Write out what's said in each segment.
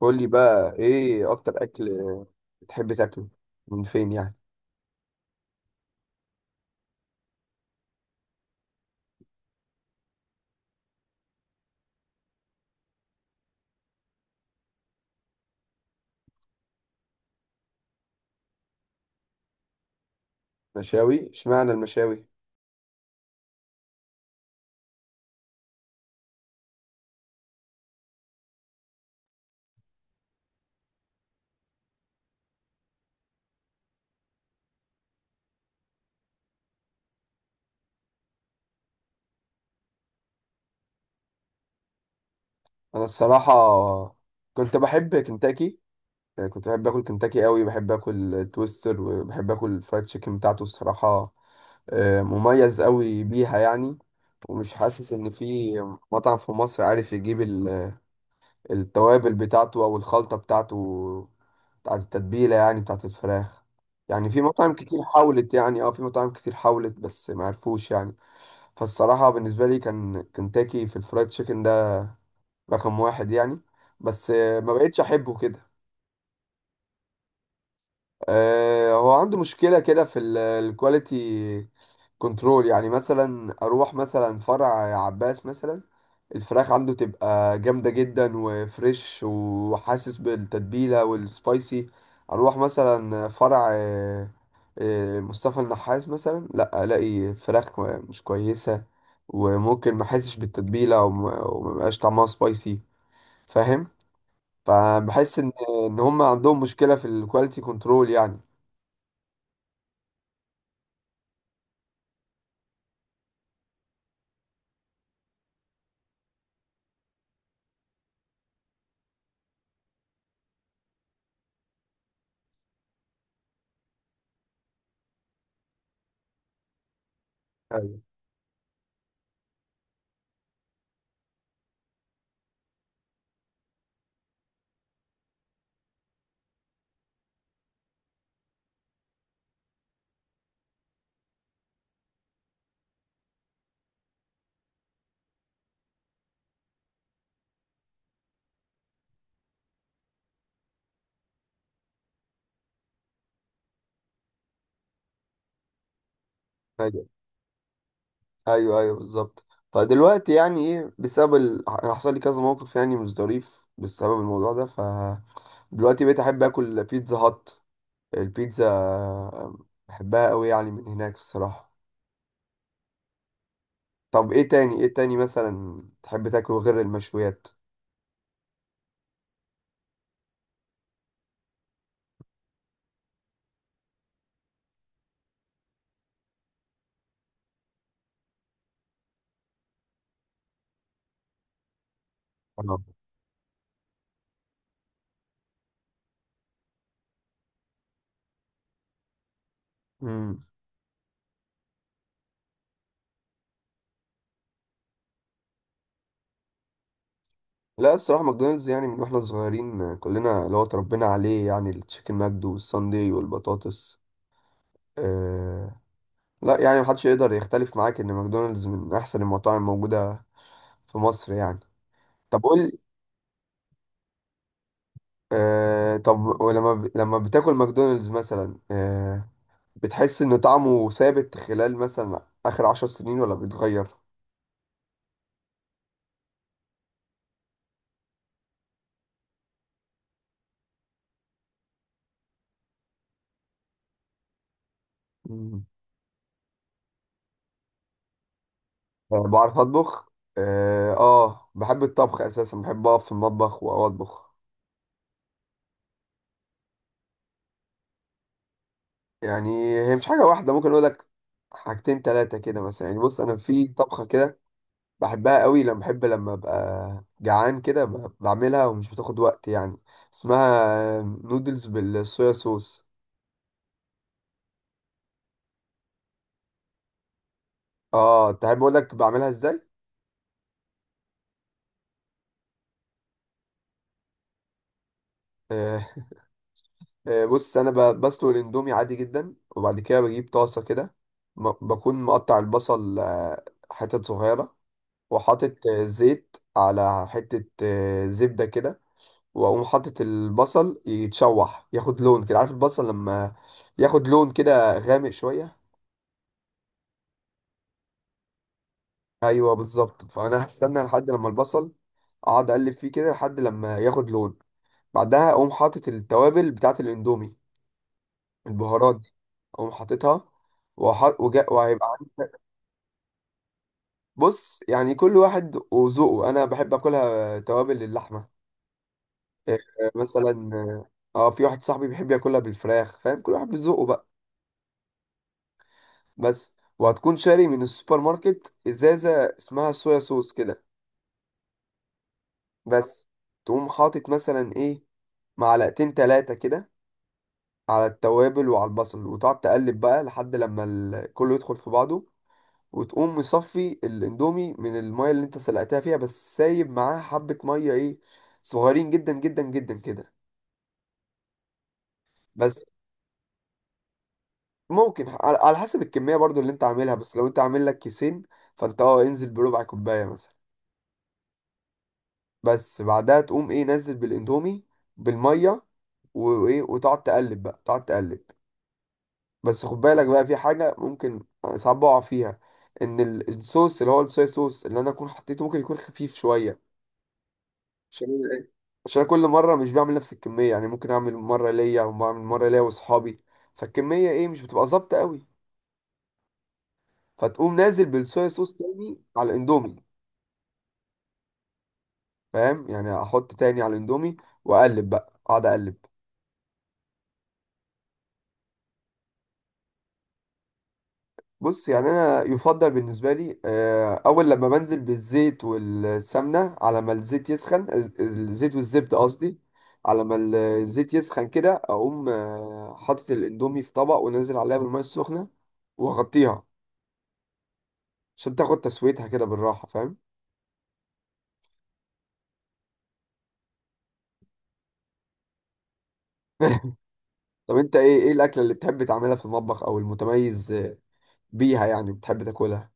قول لي بقى، ايه اكتر اكل بتحب تاكله؟ من فين يعني؟ مشاوي؟ اشمعنى المشاوي؟ انا الصراحه كنت بحب كنتاكي، يعني كنت بحب اكل كنتاكي قوي، بحب اكل تويستر وبحب اكل الفرايد تشيكن بتاعته الصراحه. مميز قوي بيها يعني. ومش حاسس ان في مطعم في مصر عارف يجيب التوابل بتاعته او الخلطه بتاعته، بتاعت التتبيله يعني، بتاعت الفراخ. يعني في مطاعم كتير حاولت، يعني في مطاعم كتير حاولت بس ما عرفوش يعني. فالصراحه بالنسبه لي كان كنتاكي في الفرايد تشيكن ده رقم واحد يعني. بس ما بقتش احبه كده. هو عنده مشكله كده في الكواليتي كنترول، يعني مثلا اروح مثلا فرع عباس مثلا، الفراخ عنده تبقى جامدة جدا وفريش وحاسس بالتتبيلة والسبايسي. اروح مثلا فرع مصطفى النحاس مثلا، لا الاقي فراخ مش كويسة، وممكن ما احسش بالتتبيلة وما يبقاش طعمها سبايسي، فاهم؟ فبحس ان هم عندهم مشكلة في الكواليتي كنترول يعني. ايوه، ايوه، ايوه، بالظبط. فدلوقتي يعني ايه، بسبب حصل لي كذا موقف يعني مش ظريف بسبب الموضوع ده، ف دلوقتي بقيت احب اكل بيتزا هات. البيتزا بحبها قوي يعني من هناك الصراحه. طب ايه تاني؟ مثلا تحب تاكله غير المشويات؟ أنا. امم. لا الصراحه، ماكدونالدز، يعني من واحنا صغيرين كلنا اللي هو اتربينا عليه، يعني التشيكن ماجد والساندي والبطاطس. أه... لا يعني محدش يقدر يختلف معاك ان ماكدونالدز من احسن المطاعم موجوده في مصر يعني. طب قول. طب ولما لما بتاكل ماكدونالدز مثلا، بتحس ان طعمه ثابت خلال مثلا اخر 10 سنين ولا بيتغير؟ مم. آه، بعرف اطبخ. بحب الطبخ اساسا، بحب اقف في المطبخ واطبخ. يعني هي مش حاجه واحده، ممكن اقول لك حاجتين تلاتة كده مثلا. يعني بص انا في طبخه كده بحبها قوي، لما بحب لما ابقى جعان كده بعملها ومش بتاخد وقت يعني. اسمها نودلز بالصويا صوص. اه، انت عارف؟ بقول لك بعملها ازاي. آه بص انا بسلق الاندومي عادي جدا، وبعد كده بجيب طاسه كده، بكون مقطع البصل حتت صغيره، وحاطط زيت على حته زبده كده. واقوم حاطط البصل يتشوح، ياخد لون كده. عارف البصل لما ياخد لون كده غامق شويه؟ ايوه بالظبط، فانا هستنى لحد لما البصل، اقعد اقلب فيه كده لحد لما ياخد لون. بعدها اقوم حاطط التوابل بتاعه الاندومي، البهارات دي، اقوم حاططها. وهيبقى عندك. بص يعني كل واحد وذوقه، انا بحب اكلها توابل اللحمه. إيه، مثلا، اه في واحد صاحبي بيحب ياكلها بالفراخ، فاهم؟ كل واحد بذوقه بقى. بس، وهتكون شاري من السوبر ماركت ازازه اسمها صويا صوص كده. بس تقوم حاطط مثلا ايه، معلقتين تلاتة كده، على التوابل وعلى البصل، وتقعد تقلب بقى لحد لما كله يدخل في بعضه. وتقوم مصفي الاندومي من الميه اللي انت سلقتها فيها، بس سايب معاها حبه ميه ايه، صغيرين جدا جدا جدا كده. بس ممكن، على حسب الكميه برضو اللي انت عاملها، بس لو انت عامل لك كيسين فانت، انزل بربع كوبايه مثلا. بس بعدها تقوم ايه؟ نزل بالاندومي بالميه، وايه، وتقعد تقلب بقى، تقعد تقلب. بس خد بالك بقى، في حاجه ممكن ساعات بقع فيها، ان الصوص اللي هو الصويا صوص اللي انا اكون حطيته ممكن يكون خفيف شويه. عشان ايه؟ عشان كل مره مش بعمل نفس الكميه، يعني ممكن اعمل مره ليا وبعمل مره ليا واصحابي، فالكميه ايه مش بتبقى ظابطه قوي. فتقوم نازل بالصويا صوص تاني على الاندومي، فاهم؟ يعني احط تاني على الاندومي، واقلب بقى، اقعد اقلب. بص يعني انا يفضل بالنسبه لي، اول لما بنزل بالزيت والسمنه، على ما الزيت يسخن الزيت والزبده قصدي، على ما الزيت يسخن كده اقوم حاطط الاندومي في طبق، ونازل عليها بالميه السخنه واغطيها، عشان تاخد تسويتها كده بالراحة، فاهم؟ طب انت، ايه الاكلة اللي بتحب تعملها في المطبخ او المتميز بيها يعني بتحب تاكلها؟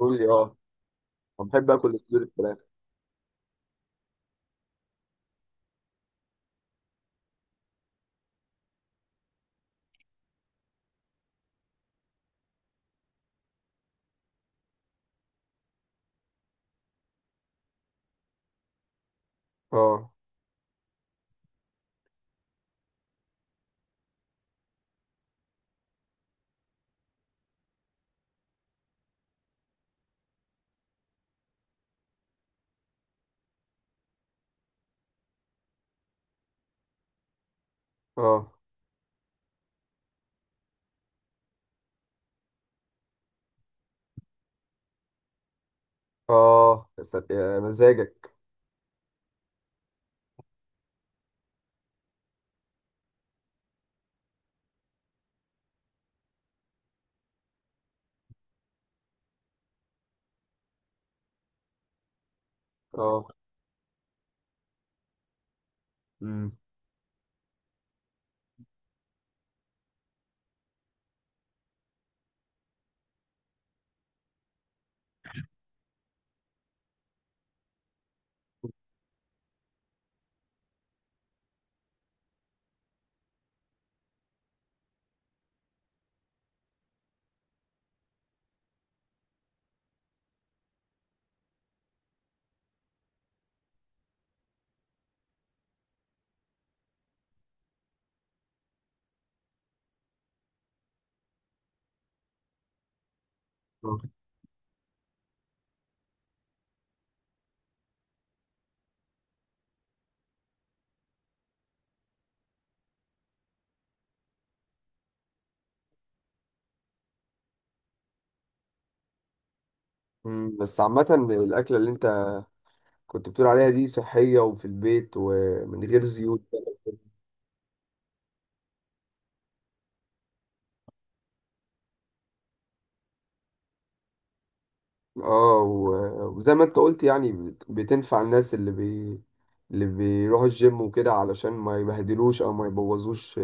قول لي. اه، انا بحب اكل صدور الفراخ. اه. اه، اه، يا سلام، يا مزاجك. اه. امم. آه. أمم. بس عامة، الأكلة اللي أنت كنت بتقول عليها دي صحية وفي البيت ومن غير زيوت؟ اه، وزي ما أنت قلت يعني، بتنفع الناس اللي اللي بيروحوا الجيم وكده علشان ما يبهدلوش أو ما يبوظوش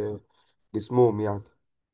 جسمهم يعني.